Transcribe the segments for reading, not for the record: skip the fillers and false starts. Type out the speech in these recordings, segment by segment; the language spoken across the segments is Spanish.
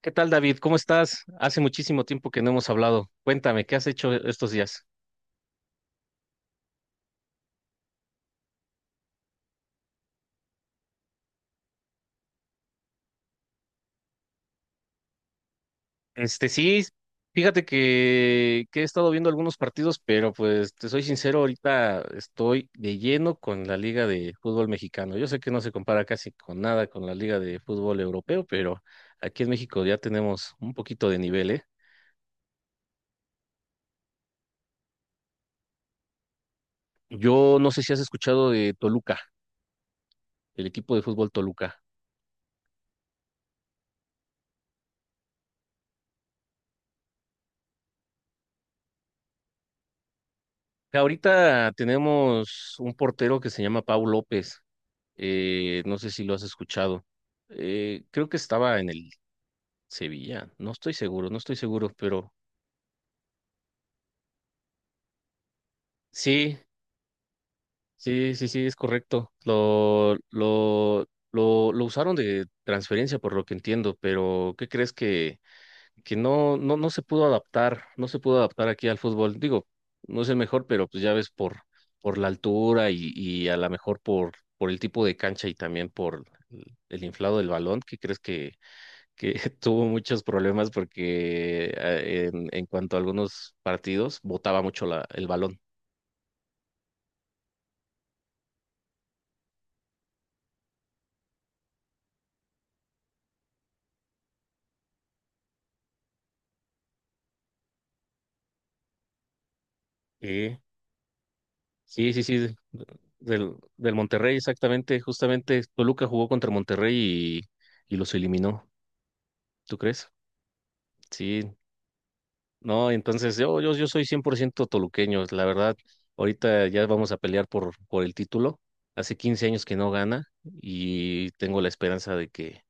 ¿Qué tal, David? ¿Cómo estás? Hace muchísimo tiempo que no hemos hablado. Cuéntame, ¿qué has hecho estos días? Este, sí, fíjate que he estado viendo algunos partidos, pero pues te soy sincero, ahorita estoy de lleno con la Liga de Fútbol Mexicano. Yo sé que no se compara casi con nada con la Liga de Fútbol Europeo, pero aquí en México ya tenemos un poquito de nivel, ¿eh? Yo no sé si has escuchado de Toluca, el equipo de fútbol Toluca. Ahorita tenemos un portero que se llama Pau López. No sé si lo has escuchado. Creo que estaba en el Sevilla. No estoy seguro, no estoy seguro, pero sí, sí, sí, sí, es correcto. Lo usaron de transferencia, por lo que entiendo, pero ¿qué crees que no, no se pudo adaptar? No se pudo adaptar aquí al fútbol. Digo, no es el mejor, pero pues ya ves por la altura y a lo mejor por el tipo de cancha y también por el inflado del balón. ¿Qué crees que que tuvo muchos problemas porque en cuanto a algunos partidos botaba mucho el balón. Sí, sí, sí, sí, del Monterrey, exactamente, justamente Toluca jugó contra Monterrey y los eliminó, ¿tú crees? Sí, no, entonces yo soy 100% toluqueño, la verdad, ahorita ya vamos a pelear por el título, hace 15 años que no gana y tengo la esperanza de que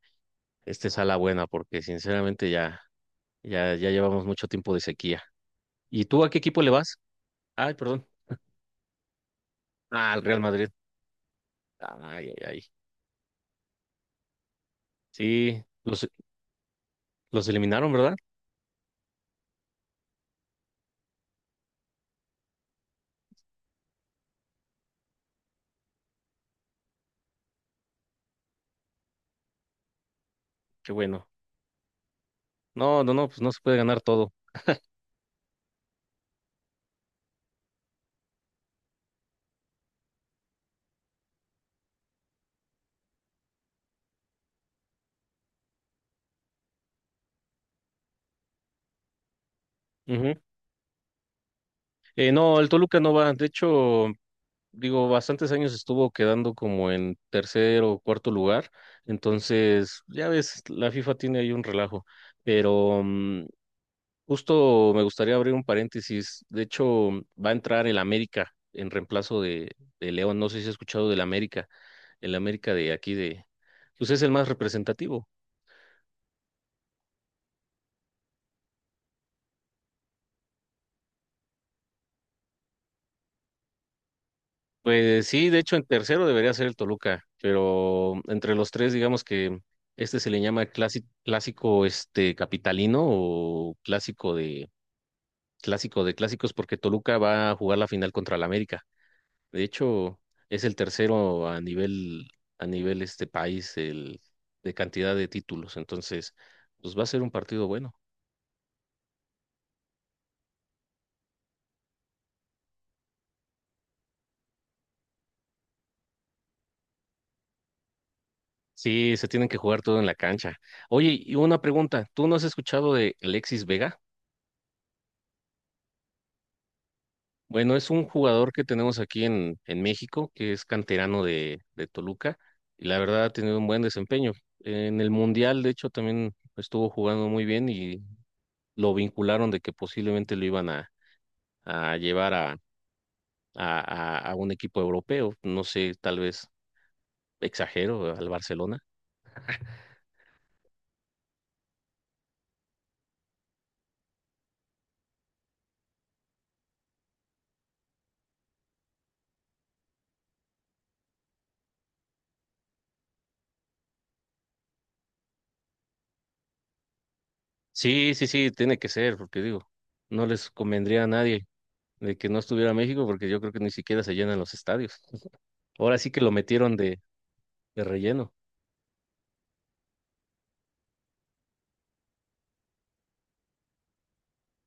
este sea la buena, porque sinceramente ya... Ya, ya llevamos mucho tiempo de sequía. ¿Y tú a qué equipo le vas? Ay, perdón. Ah, al Real Madrid. Ay, ay, ay. Sí, los eliminaron, ¿verdad? Qué bueno. No, no, no, pues no se puede ganar todo. Ujú. No, el Toluca no va. De hecho, digo, bastantes años estuvo quedando como en tercer o cuarto lugar. Entonces, ya ves, la FIFA tiene ahí un relajo. Pero justo me gustaría abrir un paréntesis. De hecho, va a entrar el América en reemplazo de León. No sé si has escuchado del América. El América de aquí de, pues es el más representativo. Pues sí, de hecho, en tercero debería ser el Toluca, pero entre los tres, digamos que este se le llama clásico este capitalino o clásico de clásicos, porque Toluca va a jugar la final contra el América. De hecho, es el tercero a nivel este país el, de cantidad de títulos. Entonces, pues va a ser un partido bueno. Sí, se tienen que jugar todo en la cancha. Oye, y una pregunta, ¿tú no has escuchado de Alexis Vega? Bueno, es un jugador que tenemos aquí en México, que es canterano de Toluca, y la verdad ha tenido un buen desempeño. En el Mundial, de hecho, también estuvo jugando muy bien y lo vincularon de que posiblemente lo iban a llevar a un equipo europeo. No sé, tal vez exagero al Barcelona. Sí, sí, sí, tiene que ser, porque digo, no les convendría a nadie de que no estuviera México, porque yo creo que ni siquiera se llenan los estadios. Ahora sí que lo metieron de relleno.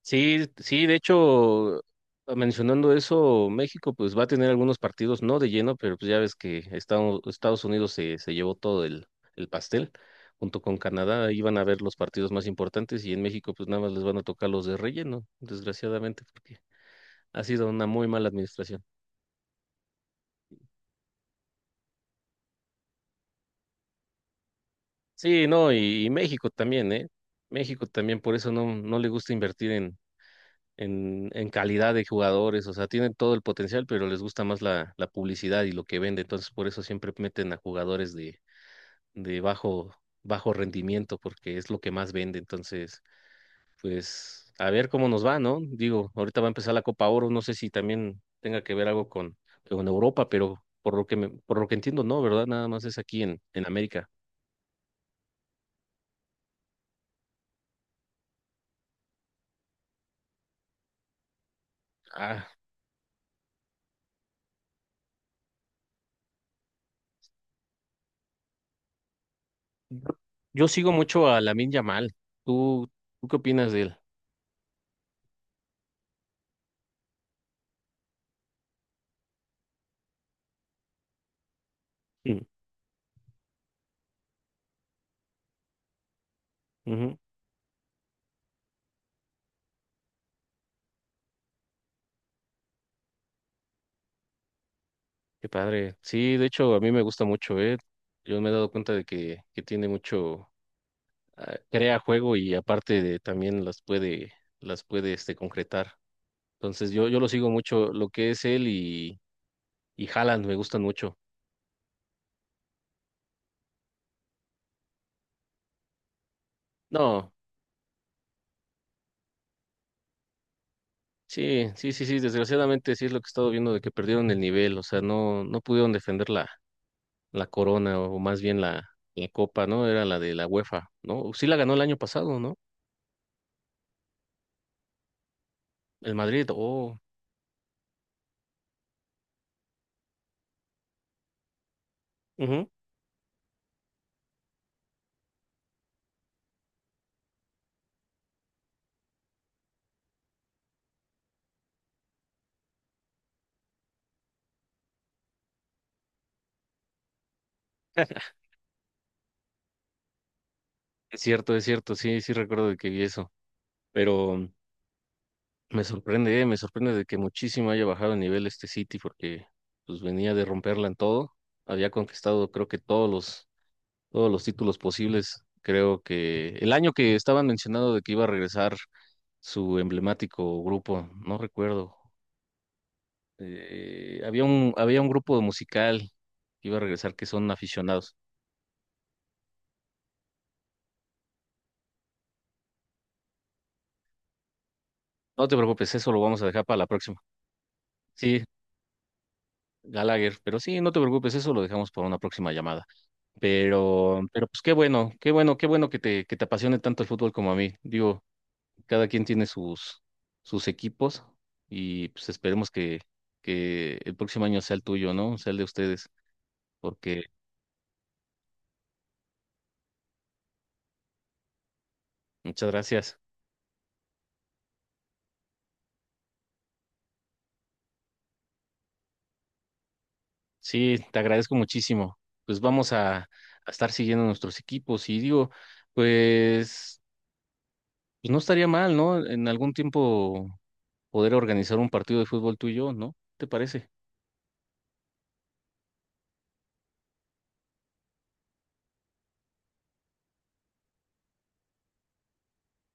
Sí, sí, de hecho, mencionando eso, México pues va a tener algunos partidos no de lleno, pero pues ya ves que Estados Unidos se llevó todo el pastel. Junto con Canadá iban a ver los partidos más importantes y en México pues nada más les van a tocar los de relleno, desgraciadamente, porque ha sido una muy mala administración. Sí, no, y México también, ¿eh? México también, por eso no, no le gusta invertir en en calidad de jugadores, o sea, tienen todo el potencial, pero les gusta más la publicidad y lo que vende, entonces por eso siempre meten a jugadores de bajo, bajo rendimiento, porque es lo que más vende, entonces, pues, a ver cómo nos va, ¿no? Digo, ahorita va a empezar la Copa Oro, no sé si también tenga que ver algo con Europa, pero por lo que entiendo, no, ¿verdad? Nada más es aquí en América. Ah, yo sigo mucho a Lamine Yamal. ¿Tú, ¿Tú qué opinas de él? Mm, ujú. Qué padre. Sí, de hecho, a mí me gusta mucho, ¿eh? Yo me he dado cuenta de que tiene mucho, ah, crea juego y aparte de también las puede este, concretar. Entonces yo lo sigo mucho, lo que es él y Haaland me gustan mucho. No, sí, sí, sí, sí, desgraciadamente sí es lo que he estado viendo de que perdieron el nivel, o sea, no, no pudieron defender la corona o más bien la copa, ¿no? Era la de la UEFA, ¿no? Sí la ganó el año pasado, ¿no? El Madrid, oh. Ujú. Es cierto, sí, sí recuerdo de que vi eso, pero me sorprende de que muchísimo haya bajado de nivel este City porque pues venía de romperla en todo, había conquistado creo que todos los títulos posibles, creo que el año que estaban mencionando de que iba a regresar su emblemático grupo, no recuerdo, había un grupo musical que iba a regresar que son aficionados. No te preocupes, eso lo vamos a dejar para la próxima. Sí, Gallagher, pero sí, no te preocupes, eso lo dejamos para una próxima llamada. Pero pues qué bueno, qué bueno, qué bueno que te apasione tanto el fútbol como a mí. Digo, cada quien tiene sus, sus equipos y pues esperemos que el próximo año sea el tuyo, ¿no? Sea el de ustedes, porque muchas gracias. Sí, te agradezco muchísimo. Pues vamos a estar siguiendo nuestros equipos y digo, pues, pues no estaría mal, ¿no? En algún tiempo poder organizar un partido de fútbol tuyo, ¿no? ¿Te parece?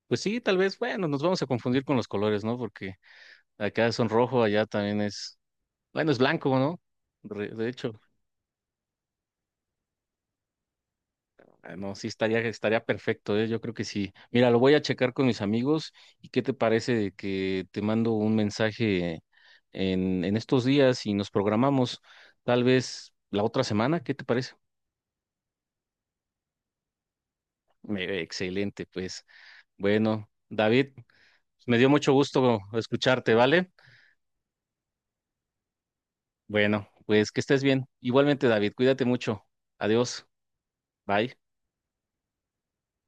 Pues sí, tal vez, bueno, nos vamos a confundir con los colores, ¿no? Porque acá son rojo, allá también es, bueno, es blanco, ¿no? De hecho, ah, no, sí estaría, estaría perfecto, ¿eh? Yo creo que sí. Mira, lo voy a checar con mis amigos y qué te parece de que te mando un mensaje en estos días y nos programamos tal vez la otra semana, ¿qué te parece? Excelente, pues. Bueno, David, me dio mucho gusto escucharte, ¿vale? Bueno, pues que estés bien. Igualmente, David, cuídate mucho. Adiós. Bye.